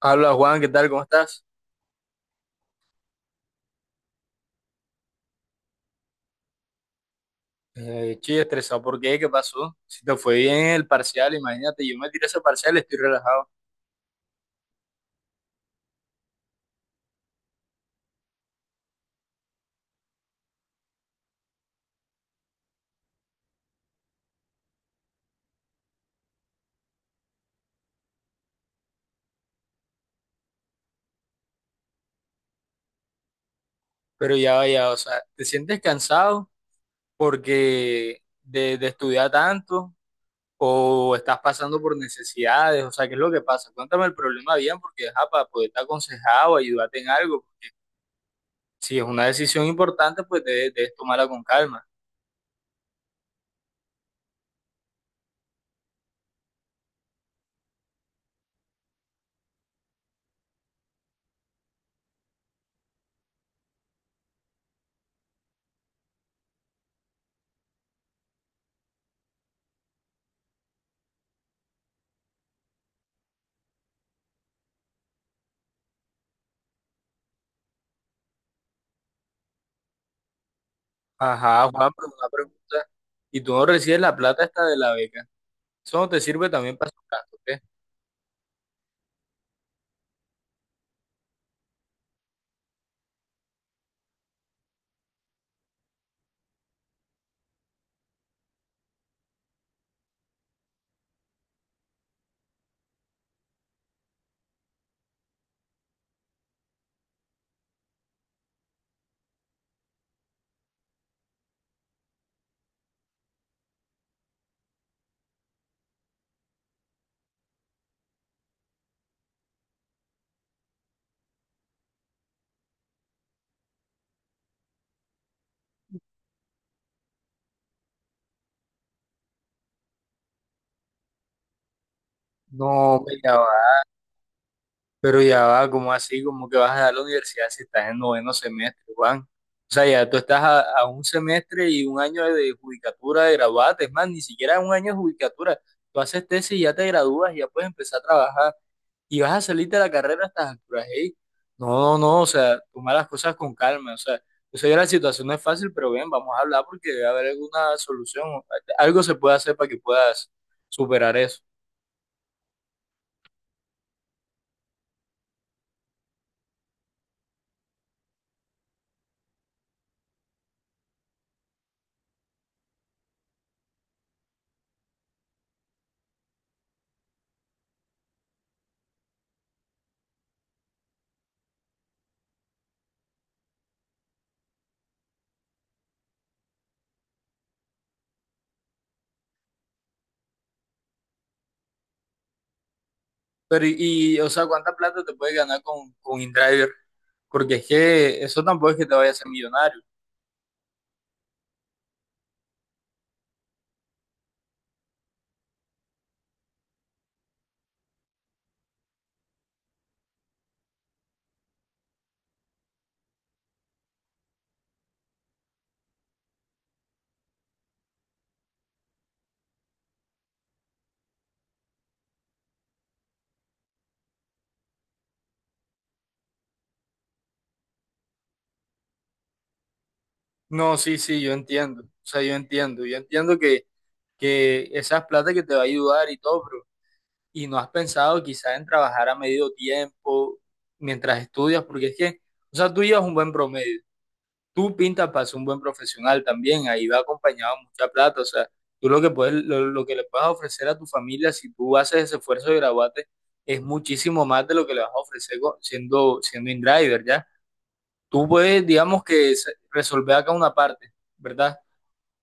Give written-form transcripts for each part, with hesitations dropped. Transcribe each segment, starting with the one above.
Habla Juan, ¿qué tal? ¿Cómo estás? Estoy estresado. ¿Por qué? ¿Qué pasó? Si te fue bien el parcial, imagínate, yo me tiré ese parcial, estoy relajado. Pero ya vaya, o sea, ¿te sientes cansado porque de estudiar tanto o estás pasando por necesidades? O sea, ¿qué es lo que pasa? Cuéntame el problema bien porque, ajá, para poderte aconsejar o ayudarte en algo. Si es una decisión importante, pues debes tomarla con calma. Ajá, Juan, pero una pregunta. ¿Y tú no recibes la plata esta de la beca? Eso no te sirve también para sus gastos. No, hombre, ya va. Pero ya va, ¿cómo así? ¿Cómo que vas a dar la universidad si estás en noveno semestre, Juan? O sea, ya tú estás a un semestre y un año de judicatura de graduarte. Es más, ni siquiera un año de judicatura. Tú haces tesis y ya te gradúas, y ya puedes empezar a trabajar y vas a salirte de la carrera a estas alturas. Ey. No, no, no, o sea, toma las cosas con calma. O sea, yo sé que la situación no es fácil, pero ven, vamos a hablar porque debe haber alguna solución. Algo se puede hacer para que puedas superar eso. Pero o sea, ¿cuánta plata te puedes ganar con InDriver? Porque es que eso tampoco es que te vaya a hacer millonario. No, sí, sí, yo entiendo. O sea, yo entiendo. Yo entiendo que esas plata que te va a ayudar y todo, pero ¿y no has pensado quizás en trabajar a medio tiempo mientras estudias? Porque es que, o sea, tú llevas un buen promedio. Tú pintas para ser un buen profesional también, ahí va acompañado mucha plata. O sea, tú lo que puedes, lo que le puedes ofrecer a tu familia si tú haces ese esfuerzo de graduarte es muchísimo más de lo que le vas a ofrecer siendo, siendo in-driver, ¿ya? Tú puedes, digamos que resolver acá una parte, ¿verdad?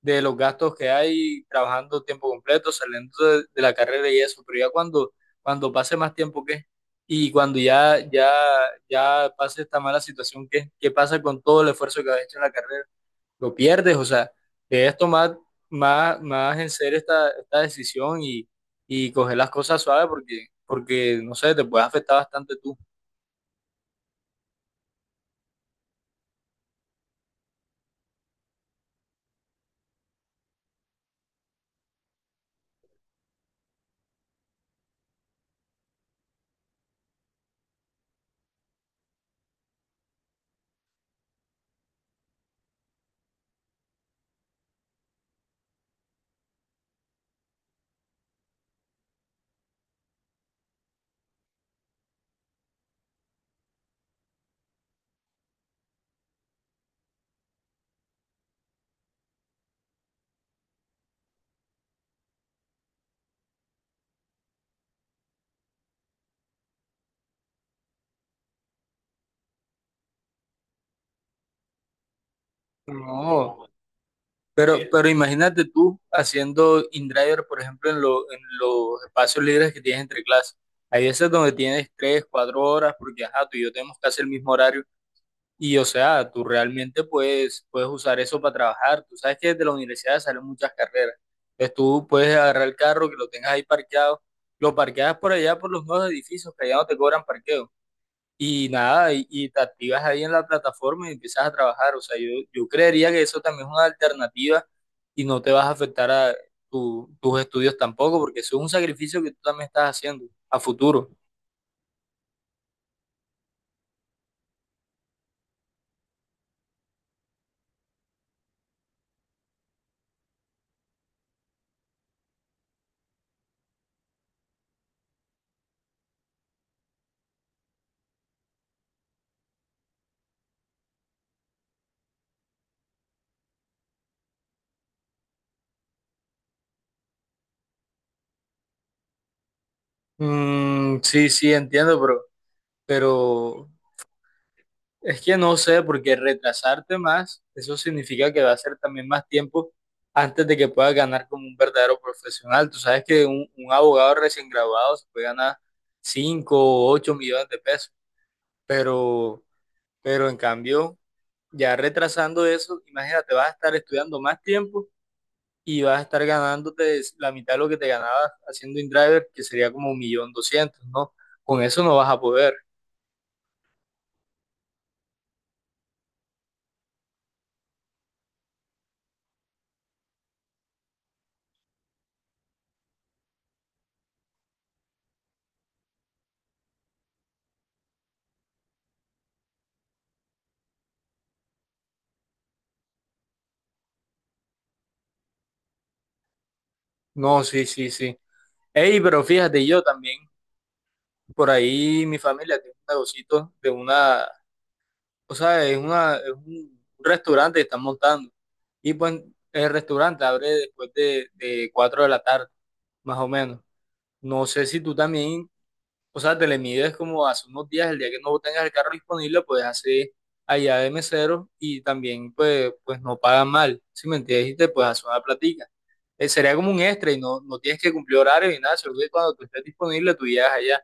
De los gastos que hay trabajando tiempo completo, saliendo de la carrera y eso, pero ya cuando pase más tiempo, ¿qué? Y cuando ya pase esta mala situación, ¿qué? ¿Qué pasa con todo el esfuerzo que has hecho en la carrera? Lo pierdes, o sea, debes tomar más en serio esta decisión y coger las cosas suaves porque, porque, no sé, te puede afectar bastante tú. No, pero imagínate tú haciendo in-driver, por ejemplo, en, en los espacios libres que tienes entre clases. Hay veces donde tienes 3, 4 horas, porque ajá, tú y yo tenemos casi el mismo horario. Y o sea, tú realmente puedes, puedes usar eso para trabajar. Tú sabes que desde la universidad salen muchas carreras. Entonces tú puedes agarrar el carro que lo tengas ahí parqueado, lo parqueas por allá por los nuevos edificios que allá no te cobran parqueo. Y nada, y te activas ahí en la plataforma y empiezas a trabajar. O sea, yo creería que eso también es una alternativa y no te vas a afectar a tus estudios tampoco, porque eso es un sacrificio que tú también estás haciendo a futuro. Sí, sí, entiendo, pero es que no sé, porque retrasarte más, eso significa que va a ser también más tiempo antes de que puedas ganar como un verdadero profesional. Tú sabes que un abogado recién graduado se puede ganar 5 o 8 millones de pesos, pero, pero en cambio, ya retrasando eso, imagínate, vas a estar estudiando más tiempo y vas a estar ganándote la mitad de lo que te ganabas haciendo InDriver, que sería como 1.200.000, ¿no? Con eso no vas a poder. No, sí, sí, sí. Ey, pero fíjate, yo también por ahí mi familia tiene un negocito de una, o sea, es una, es un restaurante que están montando. Y pues el restaurante abre después de 4 de la tarde, más o menos. No sé si tú también, o sea, te le mides como hace unos días, el día que no tengas el carro disponible, puedes hacer allá de mesero y también pues, pues no pagan mal, si me entiendes, y te puedes hacer una platica. Sería como un extra y no, no tienes que cumplir horario ni nada, solo que cuando tú estés disponible tú llegas allá.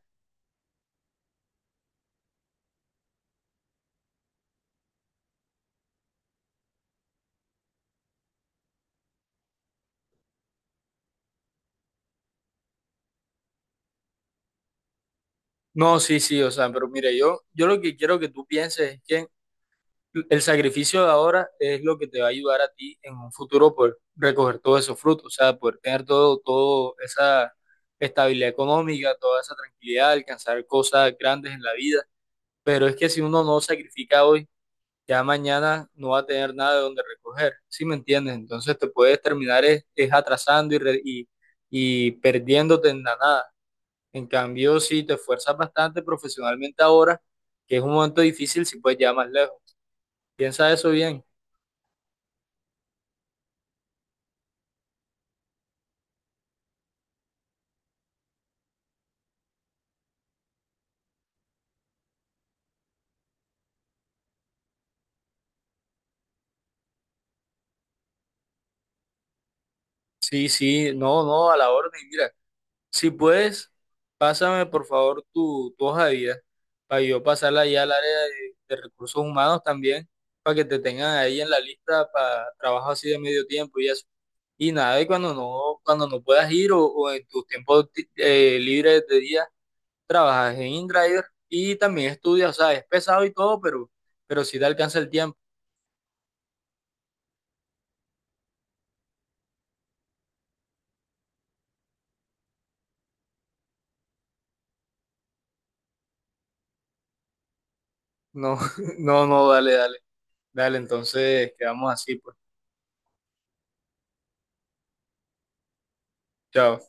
No, sí, sí, o sea, pero mira, yo lo que quiero que tú pienses es que el sacrificio de ahora es lo que te va a ayudar a ti en un futuro por recoger todos esos frutos, o sea, poder tener todo, todo esa estabilidad económica, toda esa tranquilidad, alcanzar cosas grandes en la vida. Pero es que si uno no sacrifica hoy, ya mañana no va a tener nada de donde recoger, ¿sí me entiendes? Entonces te puedes terminar es atrasando y y perdiéndote en la nada. En cambio, si te esfuerzas bastante profesionalmente ahora, que es un momento difícil, si puedes llegar más lejos. Piensa eso bien. Sí, sí, no, no, a la orden. Mira, si puedes, pásame por favor tu hoja de vida para yo pasarla ya al área de recursos humanos también, para que te tengan ahí en la lista para trabajo así de medio tiempo y eso. Y nada, y cuando no puedas ir o en tus tiempos libres de día trabajas en InDriver y también estudias, o sea, es pesado y todo, pero si te alcanza el tiempo. No, no, no, dale, dale, entonces quedamos así, pues. Chao.